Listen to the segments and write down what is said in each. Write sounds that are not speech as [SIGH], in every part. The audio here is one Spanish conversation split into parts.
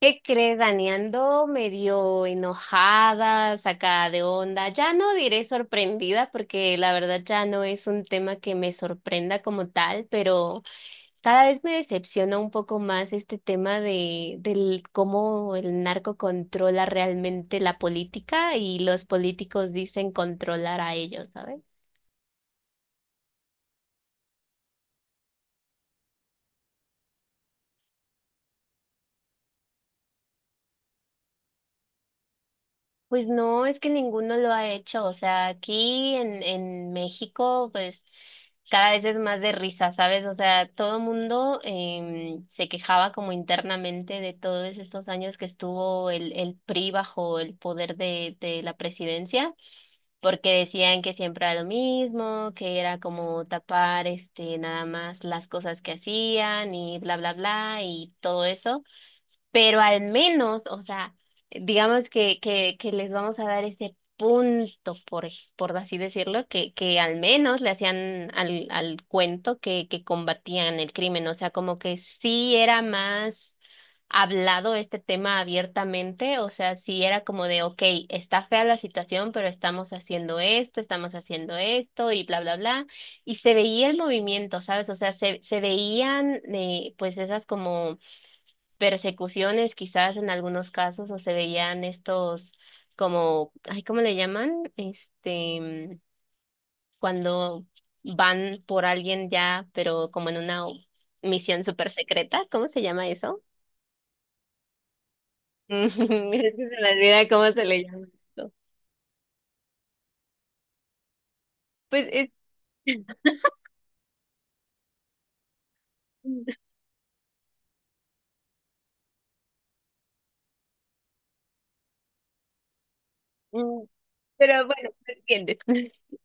¿Qué crees, Dani? Ando medio enojada, sacada de onda. Ya no diré sorprendida porque la verdad ya no es un tema que me sorprenda como tal, pero cada vez me decepciona un poco más este tema de del cómo el narco controla realmente la política y los políticos dicen controlar a ellos, ¿sabes? Pues no, es que ninguno lo ha hecho. O sea, aquí en México, pues cada vez es más de risa, ¿sabes? O sea, todo mundo se quejaba como internamente de todos estos años que estuvo el PRI bajo el poder de la presidencia, porque decían que siempre era lo mismo, que era como tapar este nada más las cosas que hacían y bla bla bla y todo eso, pero al menos, o sea, digamos que les vamos a dar ese punto, por así decirlo, que al menos le hacían al cuento que combatían el crimen, o sea, como que sí era más hablado este tema abiertamente, o sea, sí era como de, ok, está fea la situación, pero estamos haciendo esto y bla, bla, bla, y se veía el movimiento, ¿sabes? O sea, se veían pues esas como persecuciones quizás en algunos casos o se veían estos como, ay, ¿cómo le llaman? Este, cuando van por alguien ya, pero como en una misión súper secreta, ¿cómo se llama eso? [LAUGHS] Es que se me olvida cómo se le llama eso. Pues es, [LAUGHS] pero bueno, ¿me entiendes? [LAUGHS]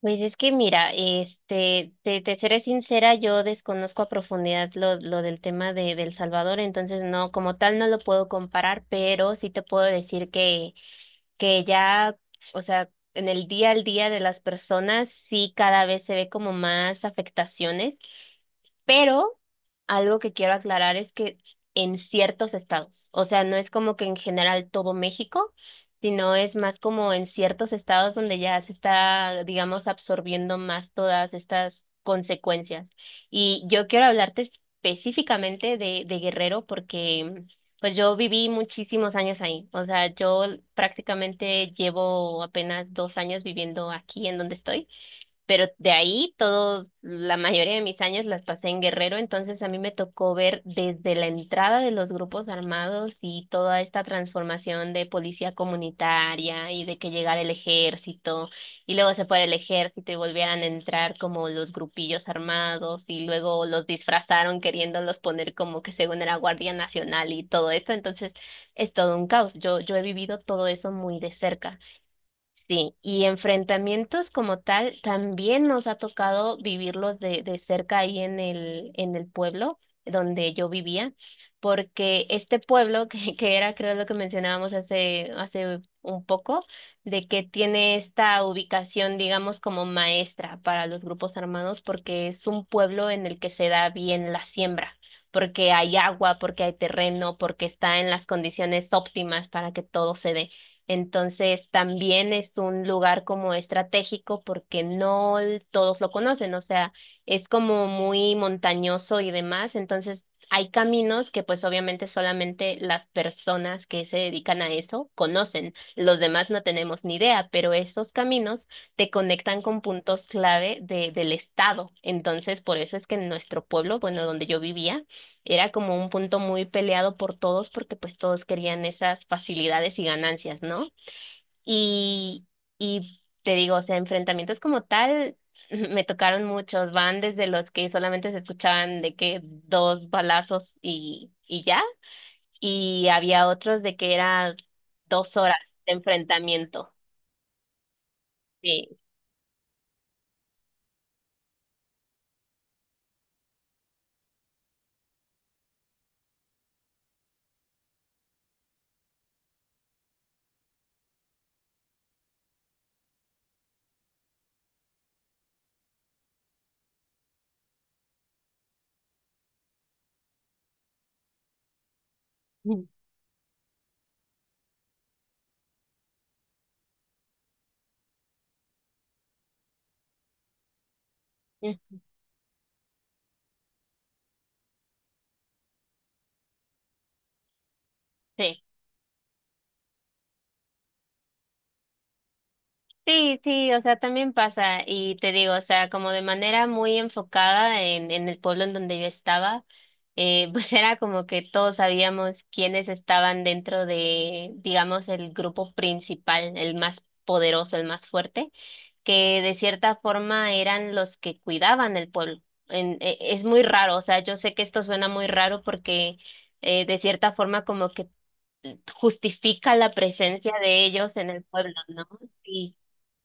Pues es que mira, este, te seré sincera, yo desconozco a profundidad lo del tema de El Salvador, entonces no, como tal no lo puedo comparar, pero sí te puedo decir que ya, o sea, en el día al día de las personas sí cada vez se ve como más afectaciones, pero algo que quiero aclarar es que en ciertos estados, o sea, no es como que en general todo México, sino es más como en ciertos estados donde ya se está, digamos, absorbiendo más todas estas consecuencias. Y yo quiero hablarte específicamente de Guerrero porque pues yo viví muchísimos años ahí, o sea, yo prácticamente llevo apenas 2 años viviendo aquí en donde estoy. Pero de ahí todos, la mayoría de mis años las pasé en Guerrero, entonces a mí me tocó ver desde la entrada de los grupos armados y toda esta transformación de policía comunitaria y de que llegara el ejército y luego se fuera el ejército y volvieran a entrar como los grupillos armados y luego los disfrazaron queriéndolos poner como que según era Guardia Nacional y todo esto, entonces es todo un caos. Yo he vivido todo eso muy de cerca. Sí, y enfrentamientos como tal también nos ha tocado vivirlos de cerca ahí en el pueblo donde yo vivía, porque este pueblo, [LAUGHS] que era creo lo que mencionábamos hace un poco, de que tiene esta ubicación, digamos, como maestra para los grupos armados, porque es un pueblo en el que se da bien la siembra, porque hay agua, porque hay terreno, porque está en las condiciones óptimas para que todo se dé. Entonces, también es un lugar como estratégico porque no l- todos lo conocen, o sea, es como muy montañoso y demás, entonces hay caminos que pues obviamente solamente las personas que se dedican a eso conocen, los demás no tenemos ni idea, pero esos caminos te conectan con puntos clave del estado, entonces por eso es que en nuestro pueblo, bueno, donde yo vivía, era como un punto muy peleado por todos porque pues todos querían esas facilidades y ganancias, ¿no? Y, y te digo, o sea, enfrentamientos como tal, [LAUGHS] me tocaron muchos, van desde los que solamente se escuchaban de que 2 balazos y ya, y había otros de que era 2 horas de enfrentamiento. Sí, [LAUGHS] sí. Sí, sí, o sea, también pasa y te digo, o sea, como de manera muy enfocada en el pueblo en donde yo estaba, [LAUGHS] pues era como que todos sabíamos quiénes estaban dentro de, digamos, el grupo principal, el más poderoso, el más fuerte, que de cierta forma eran los que cuidaban el pueblo. Es muy raro, o sea, yo sé que esto suena muy raro porque de cierta forma como que justifica la presencia de ellos en el pueblo, ¿no? Sí.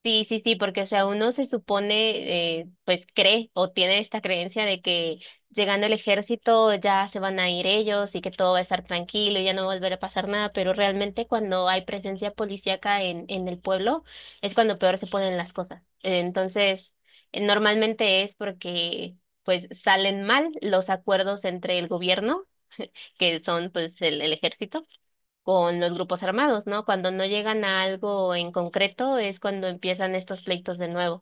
Sí, sí, sí, porque o sea, uno se supone, pues cree o tiene esta creencia de que llegando el ejército ya se van a ir ellos y que todo va a estar tranquilo y ya no va a volver a pasar nada, pero realmente cuando hay presencia policíaca en el pueblo es cuando peor se ponen las cosas. Entonces, normalmente es porque pues salen mal los acuerdos entre el gobierno, que son pues el ejército con los grupos armados, ¿no? Cuando no llegan a algo en concreto es cuando empiezan estos pleitos de nuevo,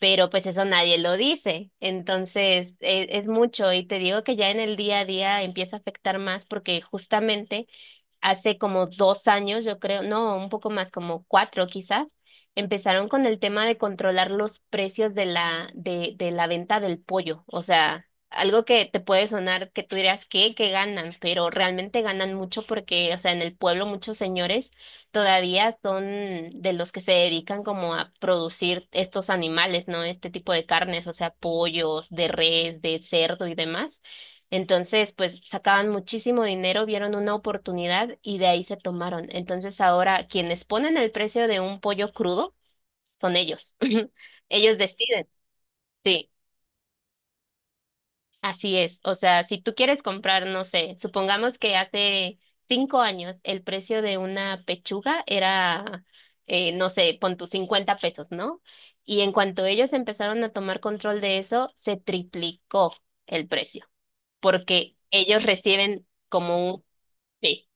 pero pues eso nadie lo dice. Entonces, es, mucho y te digo que ya en el día a día empieza a afectar más porque justamente hace como 2 años, yo creo, no, un poco más, como 4 quizás, empezaron con el tema de controlar los precios de la venta del pollo. O sea, algo que te puede sonar que tú dirás, ¿qué? ¿Qué ganan? Pero realmente ganan mucho porque, o sea, en el pueblo muchos señores todavía son de los que se dedican como a producir estos animales, ¿no? Este tipo de carnes, o sea, pollos, de res, de cerdo y demás. Entonces, pues sacaban muchísimo dinero, vieron una oportunidad y de ahí se tomaron. Entonces, ahora quienes ponen el precio de un pollo crudo son ellos. [LAUGHS] Ellos deciden. Sí. Así es, o sea, si tú quieres comprar, no sé, supongamos que hace 5 años el precio de una pechuga era, no sé, pon tus 50 pesos, ¿no? Y en cuanto ellos empezaron a tomar control de eso, se triplicó el precio, porque ellos reciben como un... Sí.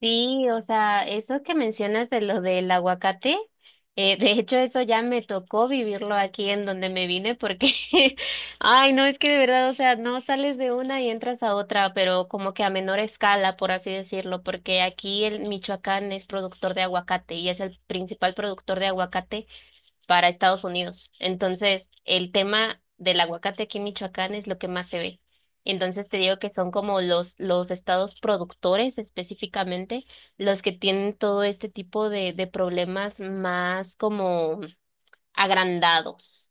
Sí, o sea, eso que mencionas de lo del aguacate, de hecho eso ya me tocó vivirlo aquí en donde me vine porque, [LAUGHS] ay, no, es que de verdad, o sea, no sales de una y entras a otra, pero como que a menor escala, por así decirlo, porque aquí el Michoacán es productor de aguacate y es el principal productor de aguacate para Estados Unidos. Entonces, el tema del aguacate aquí en Michoacán es lo que más se ve. Entonces, te digo que son como los estados productores específicamente los que tienen todo este tipo de problemas más como agrandados.